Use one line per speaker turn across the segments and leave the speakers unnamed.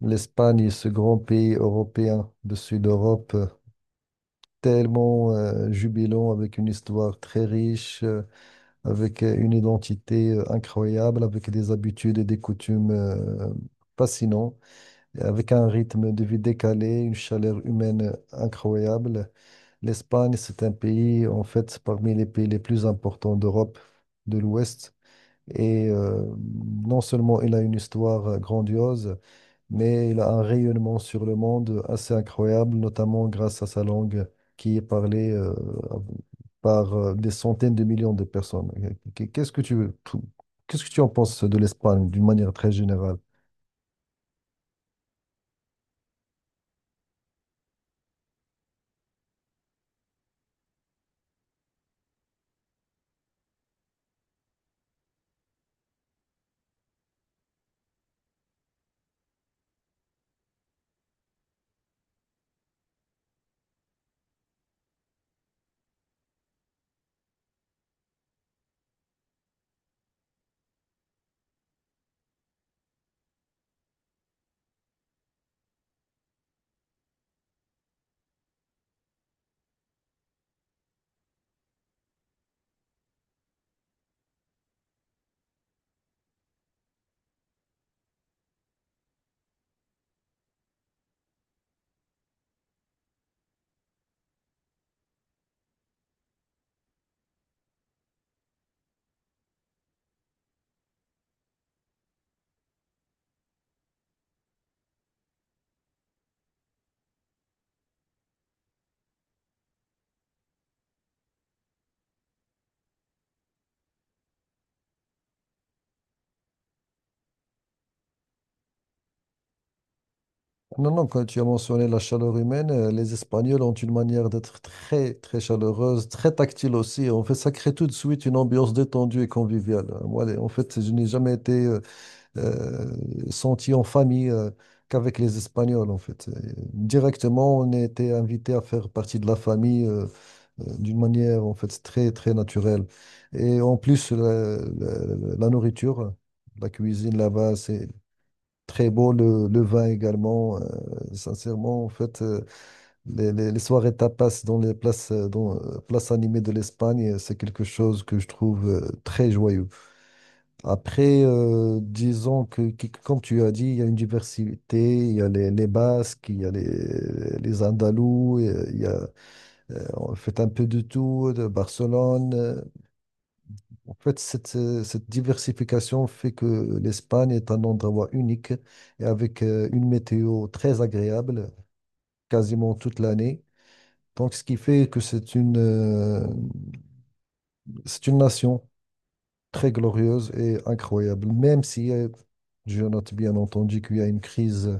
L'Espagne est ce grand pays européen du sud d'Europe, tellement jubilant, avec une histoire très riche, avec une identité incroyable, avec des habitudes et des coutumes fascinants, avec un rythme de vie décalé, une chaleur humaine incroyable. L'Espagne, c'est un pays, en fait, parmi les pays les plus importants d'Europe de l'Ouest. Et euh, non seulement il a une histoire grandiose, mais il a un rayonnement sur le monde assez incroyable, notamment grâce à sa langue qui est parlée par des centaines de millions de personnes. Qu- Qu'est-ce que tu, qu'est-ce que tu en penses de l'Espagne d'une manière très générale? Non, non, quand tu as mentionné la chaleur humaine, les Espagnols ont une manière d'être très, très chaleureuse, très tactile aussi. En fait, ça crée tout de suite une ambiance détendue et conviviale. Moi, en fait, je n'ai jamais été euh, senti en famille qu'avec les Espagnols, en fait. Et directement, on était invité à faire partie de la famille d'une manière, en fait, très, très naturelle. Et en plus, la nourriture, la cuisine là-bas, c'est très beau. Le vin également. Sincèrement, en fait, les soirées tapas dans les places, dans, places animées de l'Espagne, c'est quelque chose que je trouve très joyeux. Après, disons comme tu as dit, il y a une diversité, il y a les Basques, il y a les Andalous, il y a, on fait un peu de tout, de Barcelone. En fait, cette diversification fait que l'Espagne est un endroit unique et avec une météo très agréable quasiment toute l'année. Donc, ce qui fait que c'est c'est une nation très glorieuse et incroyable, même si je note bien entendu qu'il y a une crise.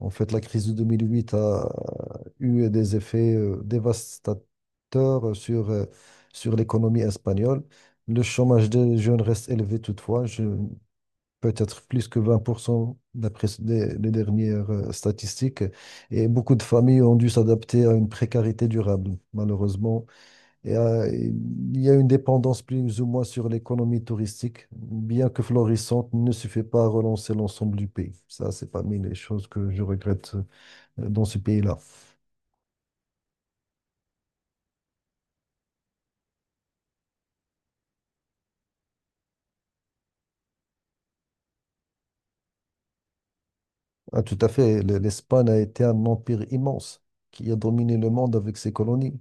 En fait, la crise de 2008 a eu des effets dévastateurs sur l'économie espagnole. Le chômage des jeunes reste élevé toutefois, peut-être plus que 20% d'après les dernières statistiques. Et beaucoup de familles ont dû s'adapter à une précarité durable. Malheureusement, et, euh, il y a une dépendance plus ou moins sur l'économie touristique, bien que florissante, ne suffit pas à relancer l'ensemble du pays. Ça, c'est parmi les choses que je regrette dans ce pays-là. Ah, tout à fait, l'Espagne a été un empire immense qui a dominé le monde avec ses colonies.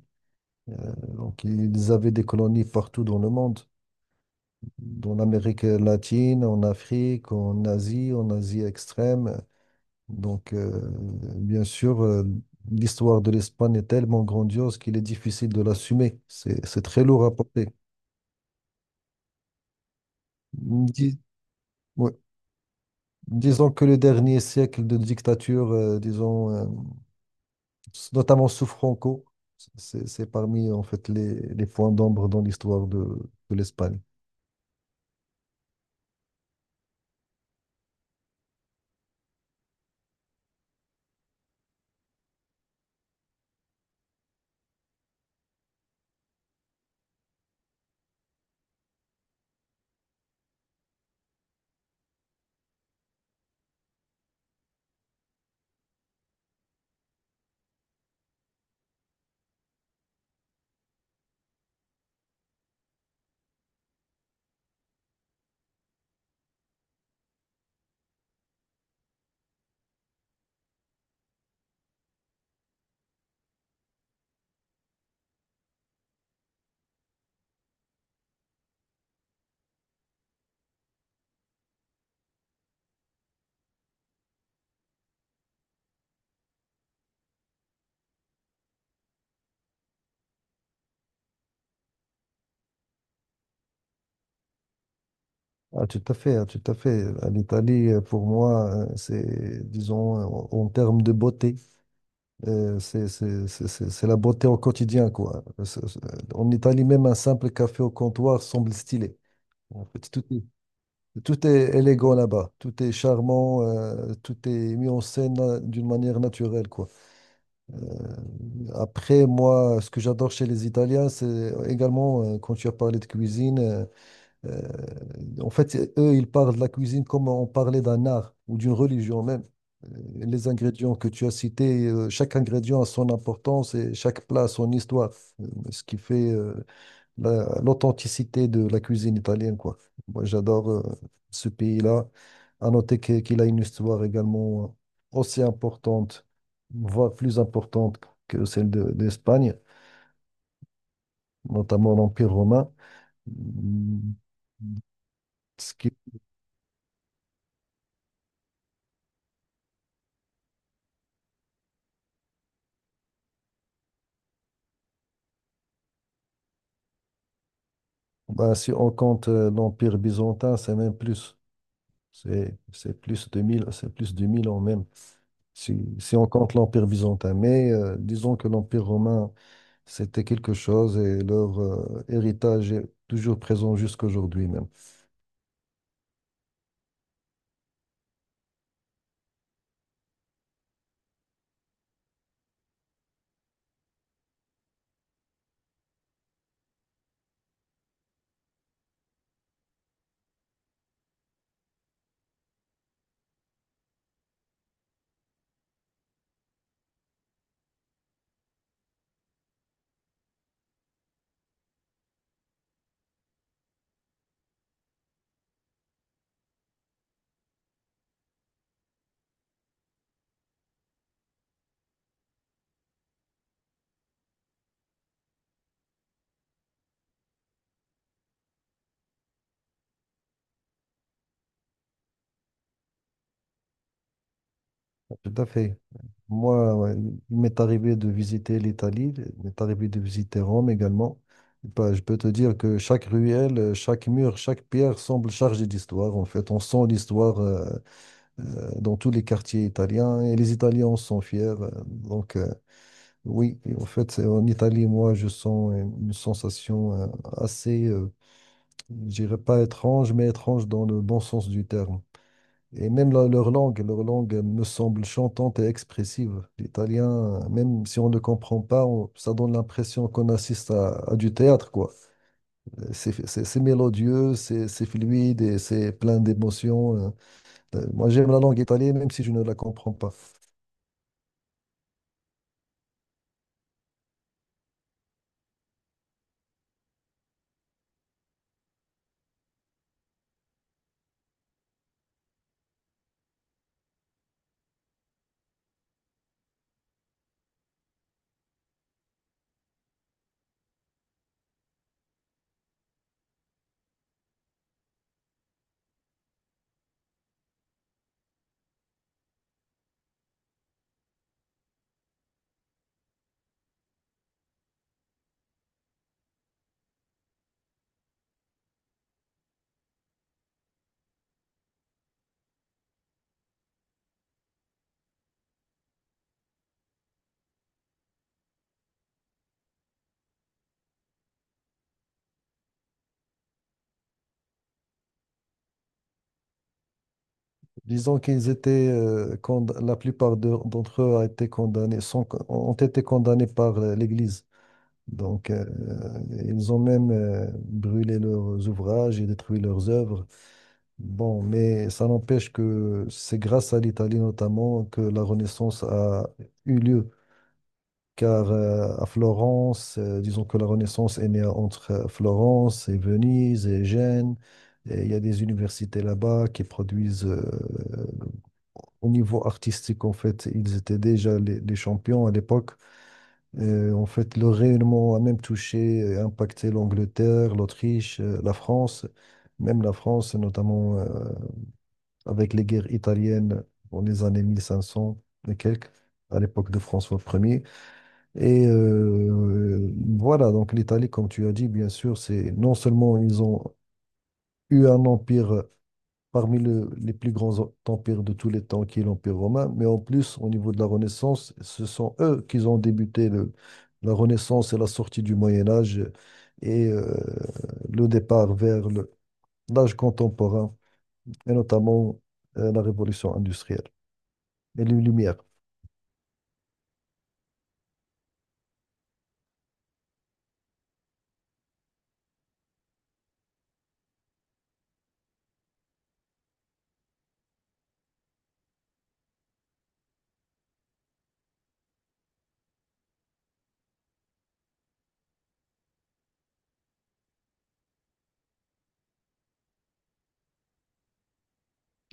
Donc, ils avaient des colonies partout dans le monde, dans l'Amérique latine, en Afrique, en Asie extrême. Donc, bien sûr, l'histoire de l'Espagne est tellement grandiose qu'il est difficile de l'assumer. C'est très lourd à porter. Dis- ouais. Disons que le dernier siècle de dictature, disons, notamment sous Franco, c'est parmi en fait les points d'ombre dans l'histoire de l'Espagne. Ah, tout à fait, ah, tout à fait. L'Italie, pour moi, c'est, disons, en en termes de beauté. C'est la beauté au quotidien, quoi. En Italie, même un simple café au comptoir semble stylé. En fait, tout est élégant là-bas. Tout est charmant, tout est mis en scène d'une manière naturelle, quoi. Après, moi, ce que j'adore chez les Italiens, c'est également, quand tu as parlé de cuisine, euh, en fait, eux, ils parlent de la cuisine comme on parlait d'un art ou d'une religion même. Euh, Les ingrédients que tu as cités, chaque ingrédient a son importance et chaque plat a son histoire. Ce qui fait l'authenticité de la cuisine italienne, quoi. Moi, j'adore ce pays-là. À noter qu'il a une histoire également aussi importante, voire plus importante que celle de, d'Espagne, notamment l'Empire romain. Mm. Ce qui Bah, si on compte l'Empire byzantin, c'est même plus. C'est plus de 1000, c'est plus de 1000 ans même, si on compte l'Empire byzantin. Mais disons que l'Empire romain, c'était quelque chose et leur héritage est toujours présent jusqu'aujourd'hui même. Tout à fait. Moi, ouais, il m'est arrivé de visiter l'Italie, il m'est arrivé de visiter Rome également. Bah, je peux te dire que chaque ruelle, chaque mur, chaque pierre semble chargée d'histoire. En fait, on sent l'histoire dans tous les quartiers italiens et les Italiens en sont fiers. Donc, oui, et en fait, en Italie, moi, je sens une sensation assez, euh, je dirais pas étrange, mais étrange dans le bon sens du terme. Et même leur langue me semble chantante et expressive. L'italien, même si on ne comprend pas, ça donne l'impression qu'on assiste à du théâtre, quoi. C'est mélodieux, c'est fluide et c'est plein d'émotions. Moi, j'aime la langue italienne, même si je ne la comprends pas. Disons qu'ils étaient, la plupart d'entre eux a été ont été condamnés par l'Église. Donc, ils ont même brûlé leurs ouvrages et détruit leurs œuvres. Bon, mais ça n'empêche que c'est grâce à l'Italie notamment que la Renaissance a eu lieu. Car à Florence, disons que la Renaissance est née entre Florence et Venise et Gênes. Et il y a des universités là-bas qui produisent au niveau artistique, en fait, ils étaient déjà les champions à l'époque. En fait, le rayonnement a même touché et impacté l'Angleterre, l'Autriche, la France, même la France, notamment avec les guerres italiennes dans les années 1500 et quelques, à l'époque de François Ier. Voilà, donc l'Italie, comme tu as dit, bien sûr, c'est non seulement ils ont eu un empire parmi les plus grands empires de tous les temps, qui est l'Empire romain. Mais en plus, au niveau de la Renaissance, ce sont eux qui ont débuté la Renaissance et la sortie du Moyen Âge et euh, le départ vers l'âge contemporain, et notamment la révolution industrielle. Lumière.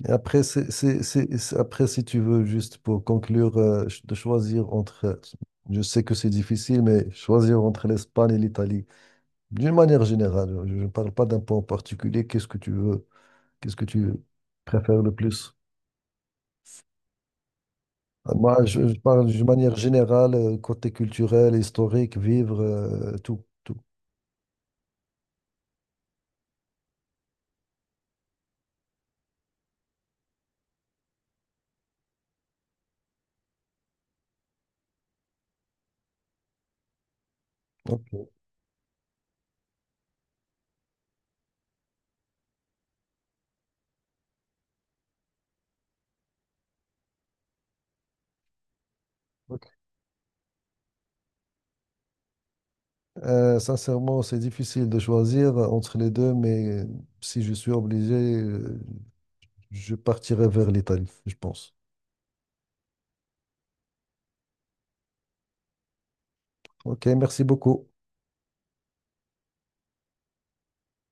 Et après, après, si tu veux, juste pour conclure, de choisir entre, je sais que c'est difficile, mais choisir entre l'Espagne et l'Italie, d'une manière générale, je ne parle pas d'un point en particulier, qu'est-ce que tu préfères le plus? Moi, je parle d'une manière générale, côté culturel, historique, vivre, tout, tout. Ok. Ok. Sincèrement, c'est difficile de choisir entre les deux, mais si je suis obligé, je partirai vers l'Italie, je pense. Ok, merci beaucoup.